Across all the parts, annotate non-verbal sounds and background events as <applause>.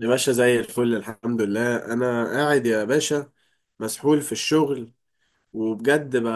يا باشا زي الفل، الحمد لله. انا قاعد يا باشا، مسحول في الشغل. وبجد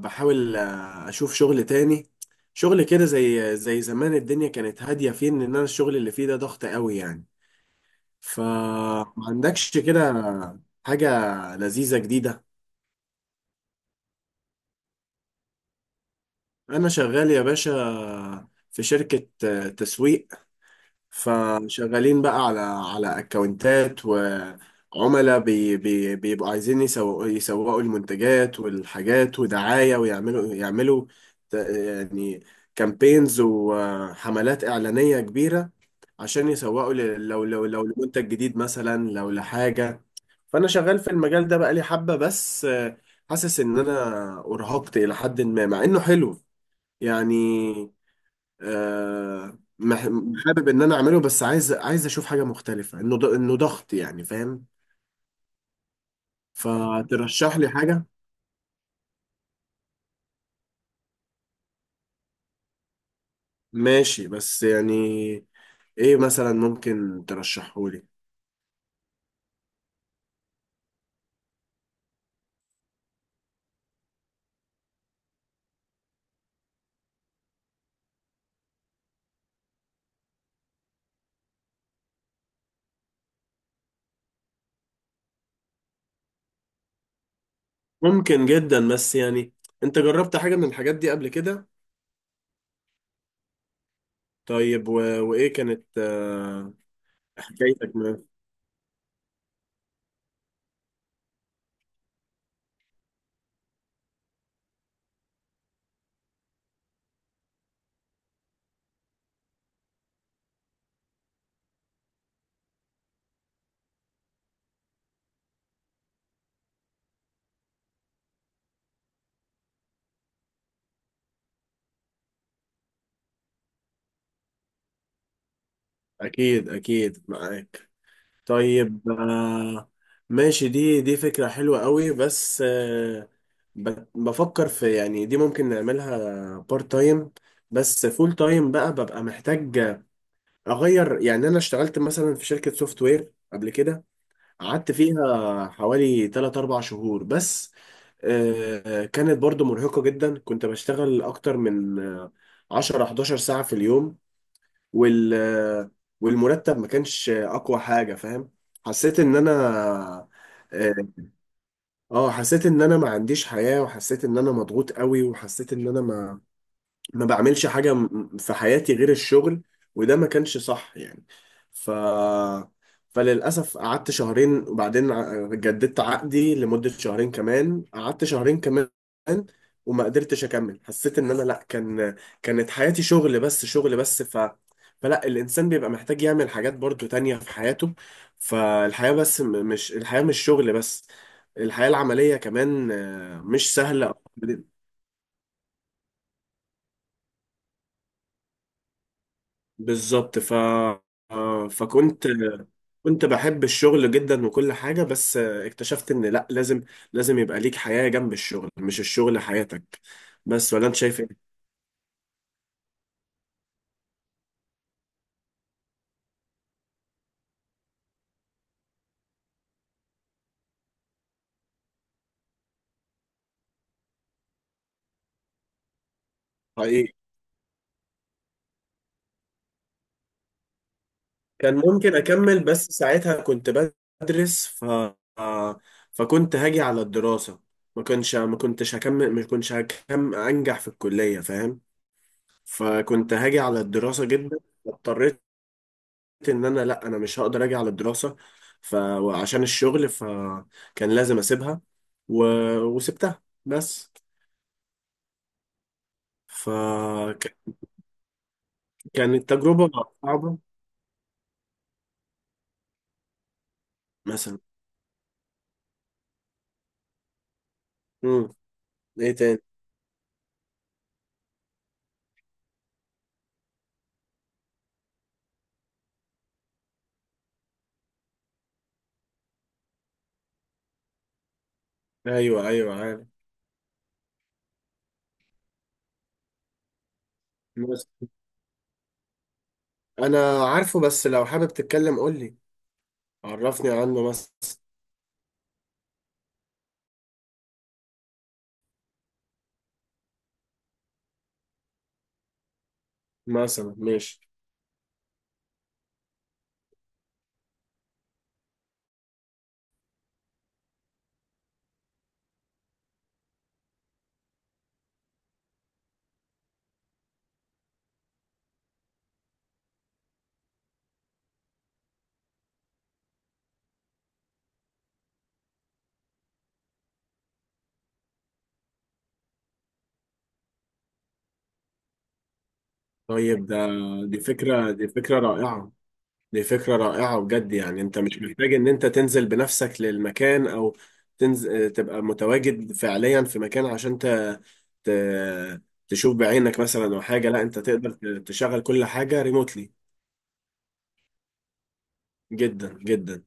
بحاول اشوف شغل تاني، شغل كده زي زمان. الدنيا كانت هادية، فيه ان انا الشغل اللي فيه ده ضغط قوي يعني، فما عندكش كده حاجة لذيذة جديدة؟ انا شغال يا باشا في شركة تسويق. فشغالين بقى على اكونتات وعملاء، بي بي بيبقوا عايزين يسوقوا المنتجات والحاجات ودعاية، ويعملوا، يعني كامبينز وحملات إعلانية كبيرة عشان يسوقوا ل- لو لو لو لمنتج جديد مثلا، لو لحاجة. فأنا شغال في المجال ده بقالي حبة، بس حاسس إن أنا أرهقت إلى حد ما مع إنه حلو يعني. آه، مح- حابب ان انا اعمله، بس عايز اشوف حاجه مختلفه، انه ضغط يعني، فاهم؟ فترشح لي حاجه. ماشي بس يعني، ايه مثلا ممكن ترشحه لي؟ ممكن جدا، بس يعني انت جربت حاجه من الحاجات دي قبل كده؟ طيب، وايه كانت حكايتك معاه؟ اكيد اكيد معاك. طيب ماشي. دي فكرة حلوة قوي، بس بفكر في، يعني دي ممكن نعملها بارت تايم. بس فول تايم بقى ببقى محتاج أغير. يعني أنا اشتغلت مثلا في شركة سوفت وير قبل كده، قعدت فيها حوالي 3 4 شهور بس. كانت برضو مرهقة جدا، كنت بشتغل أكتر من 10 11 ساعة في اليوم، وال والمرتب ما كانش اقوى حاجة فاهم. حسيت ان انا اه حسيت ان انا ما عنديش حياة، وحسيت ان انا مضغوط قوي، وحسيت ان انا ما بعملش حاجة في حياتي غير الشغل. وده ما كانش صح يعني. ف فللأسف قعدت شهرين، وبعدين جددت عقدي لمدة شهرين كمان. قعدت شهرين كمان وما قدرتش أكمل. حسيت إن أنا لأ، كانت حياتي شغل بس، شغل بس. فلا، الإنسان بيبقى محتاج يعمل حاجات برضو تانية في حياته. مش الحياة مش شغل بس، الحياة العملية كمان مش سهلة. بالظبط. ف فكنت كنت بحب الشغل جدا وكل حاجة، بس اكتشفت ان لا، لازم يبقى ليك حياة جنب الشغل، مش الشغل حياتك. بس ولا انت شايف ايه؟ حقيقي. كان ممكن اكمل، بس ساعتها كنت بدرس. فكنت هاجي على الدراسة، ما كنتش هكمل انجح في الكلية فاهم. فكنت هاجي على الدراسة جدا، اضطريت ان انا مش هقدر اجي على الدراسه. ف وعشان الشغل فكان لازم اسيبها، و... وسبتها بس. فكانت تجربه صعبه. مثلا. امم ايه تاني؟ ايوه ايوه عارف. بس انا عارفه، بس لو حابب تتكلم قول لي، عرفني عنه مثلا ماشي. طيب دي فكره رائعه. دي فكرة رائعة بجد يعني، انت مش محتاج ان انت تنزل بنفسك للمكان، او تنزل تبقى متواجد فعليا في مكان عشان ت... تشوف بعينك مثلا او حاجة. لا انت تقدر تشغل كل حاجة ريموتلي. جدا جدا.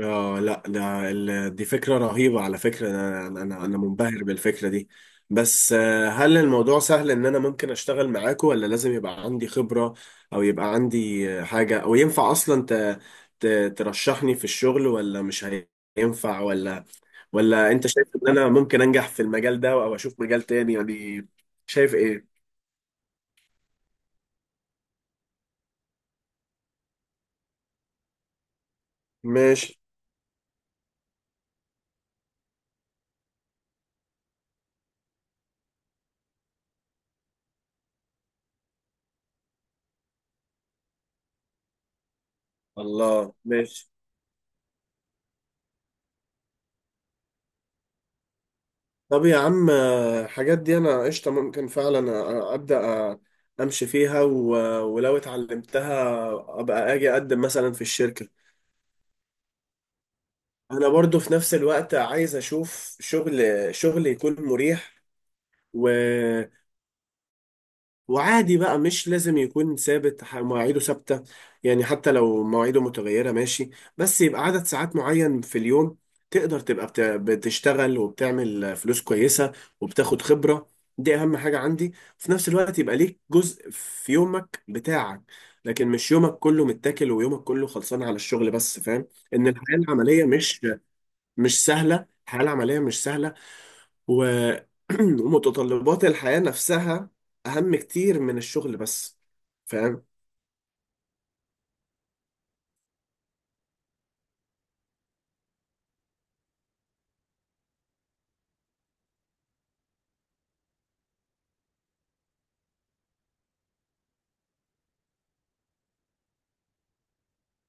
اه لا، دي فكرة رهيبة على فكرة، انا انا منبهر بالفكرة دي. بس هل الموضوع سهل ان انا ممكن اشتغل معاكم، ولا لازم يبقى عندي خبرة، او يبقى عندي حاجة، او ينفع اصلا ترشحني في الشغل، ولا مش هينفع؟ ولا ولا انت شايف ان انا ممكن انجح في المجال ده، او اشوف مجال تاني يعني؟ شايف ايه؟ ماشي. الله ماشي. طب يا عم الحاجات دي انا قشطه، ممكن فعلا ابدا امشي فيها. ولو اتعلمتها ابقى اجي اقدم مثلا في الشركه. انا برضو في نفس الوقت عايز اشوف شغل، شغل يكون مريح وعادي بقى. مش لازم يكون ثابت، مواعيده ثابتة، يعني حتى لو مواعيده متغيرة ماشي، بس يبقى عدد ساعات معين في اليوم. تقدر تبقى بتشتغل وبتعمل فلوس كويسة، وبتاخد خبرة، دي أهم حاجة عندي. في نفس الوقت يبقى ليك جزء في يومك بتاعك، لكن مش يومك كله متاكل ويومك كله خلصان على الشغل بس، فاهم؟ إن الحياة العملية مش سهلة، الحياة العملية مش سهلة. و... <clears throat> ومتطلبات الحياة نفسها أهم كتير من الشغل بس، فاهم؟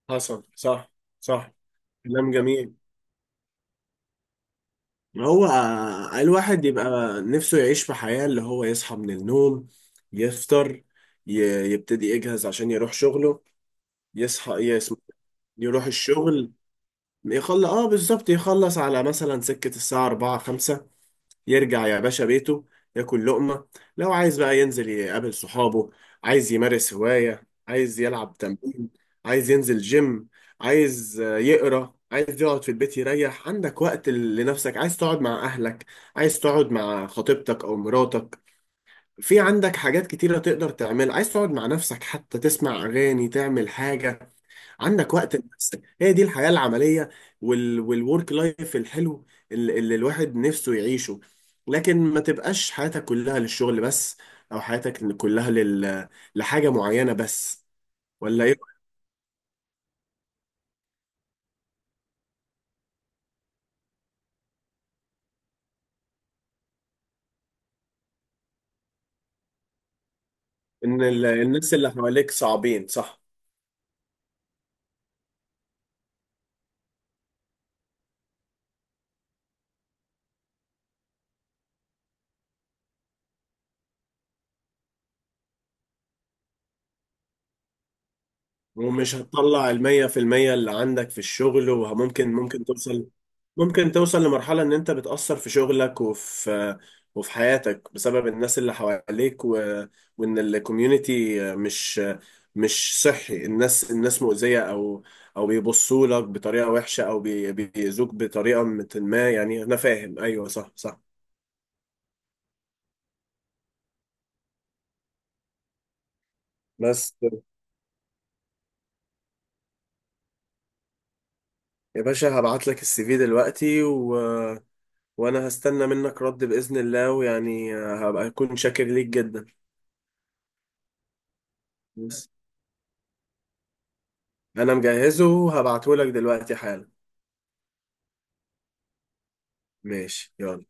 حصل. صح. صح. كلام جميل. هو الواحد يبقى نفسه يعيش في حياة، اللي هو يصحى من النوم، يفطر، ي... يبتدي يجهز عشان يروح شغله. يصحى يس... يروح الشغل، يخلص، اه بالظبط، يخلص على مثلا سكة الساعة 4 5، يرجع يا باشا بيته، ياكل لقمة. لو عايز بقى ينزل يقابل صحابه، عايز يمارس هواية، عايز يلعب تمرين، عايز ينزل جيم، عايز يقرأ، عايز يقعد في البيت يريح. عندك وقت لنفسك، عايز تقعد مع أهلك، عايز تقعد مع خطيبتك أو مراتك. في عندك حاجات كتيرة تقدر تعملها، عايز تقعد مع نفسك حتى، تسمع أغاني، تعمل حاجة، عندك وقت لنفسك. هي دي الحياة العملية والورك لايف الحلو، اللي الواحد نفسه يعيشه. لكن ما تبقاش حياتك كلها للشغل بس، او حياتك كلها لحاجة معينة بس، ولا ايه؟ ان الناس اللي حواليك صعبين، صح. ومش هتطلع المية في المية اللي عندك في الشغل، وممكن توصل لمرحلة ان انت بتأثر في شغلك، وفي حياتك بسبب الناس اللي حواليك. وان الكوميونتي مش صحي. الناس مؤذية، او بيبصوا لك بطريقة وحشة، او بيأذوك بطريقة ما يعني، انا فاهم، ايوه صح صح. بس يا باشا هبعت لك السي في دلوقتي، وانا هستنى منك رد باذن الله، ويعني هبقى اكون شاكر ليك جدا. بس انا مجهزه، وهبعته لك دلوقتي حالا. ماشي يلا.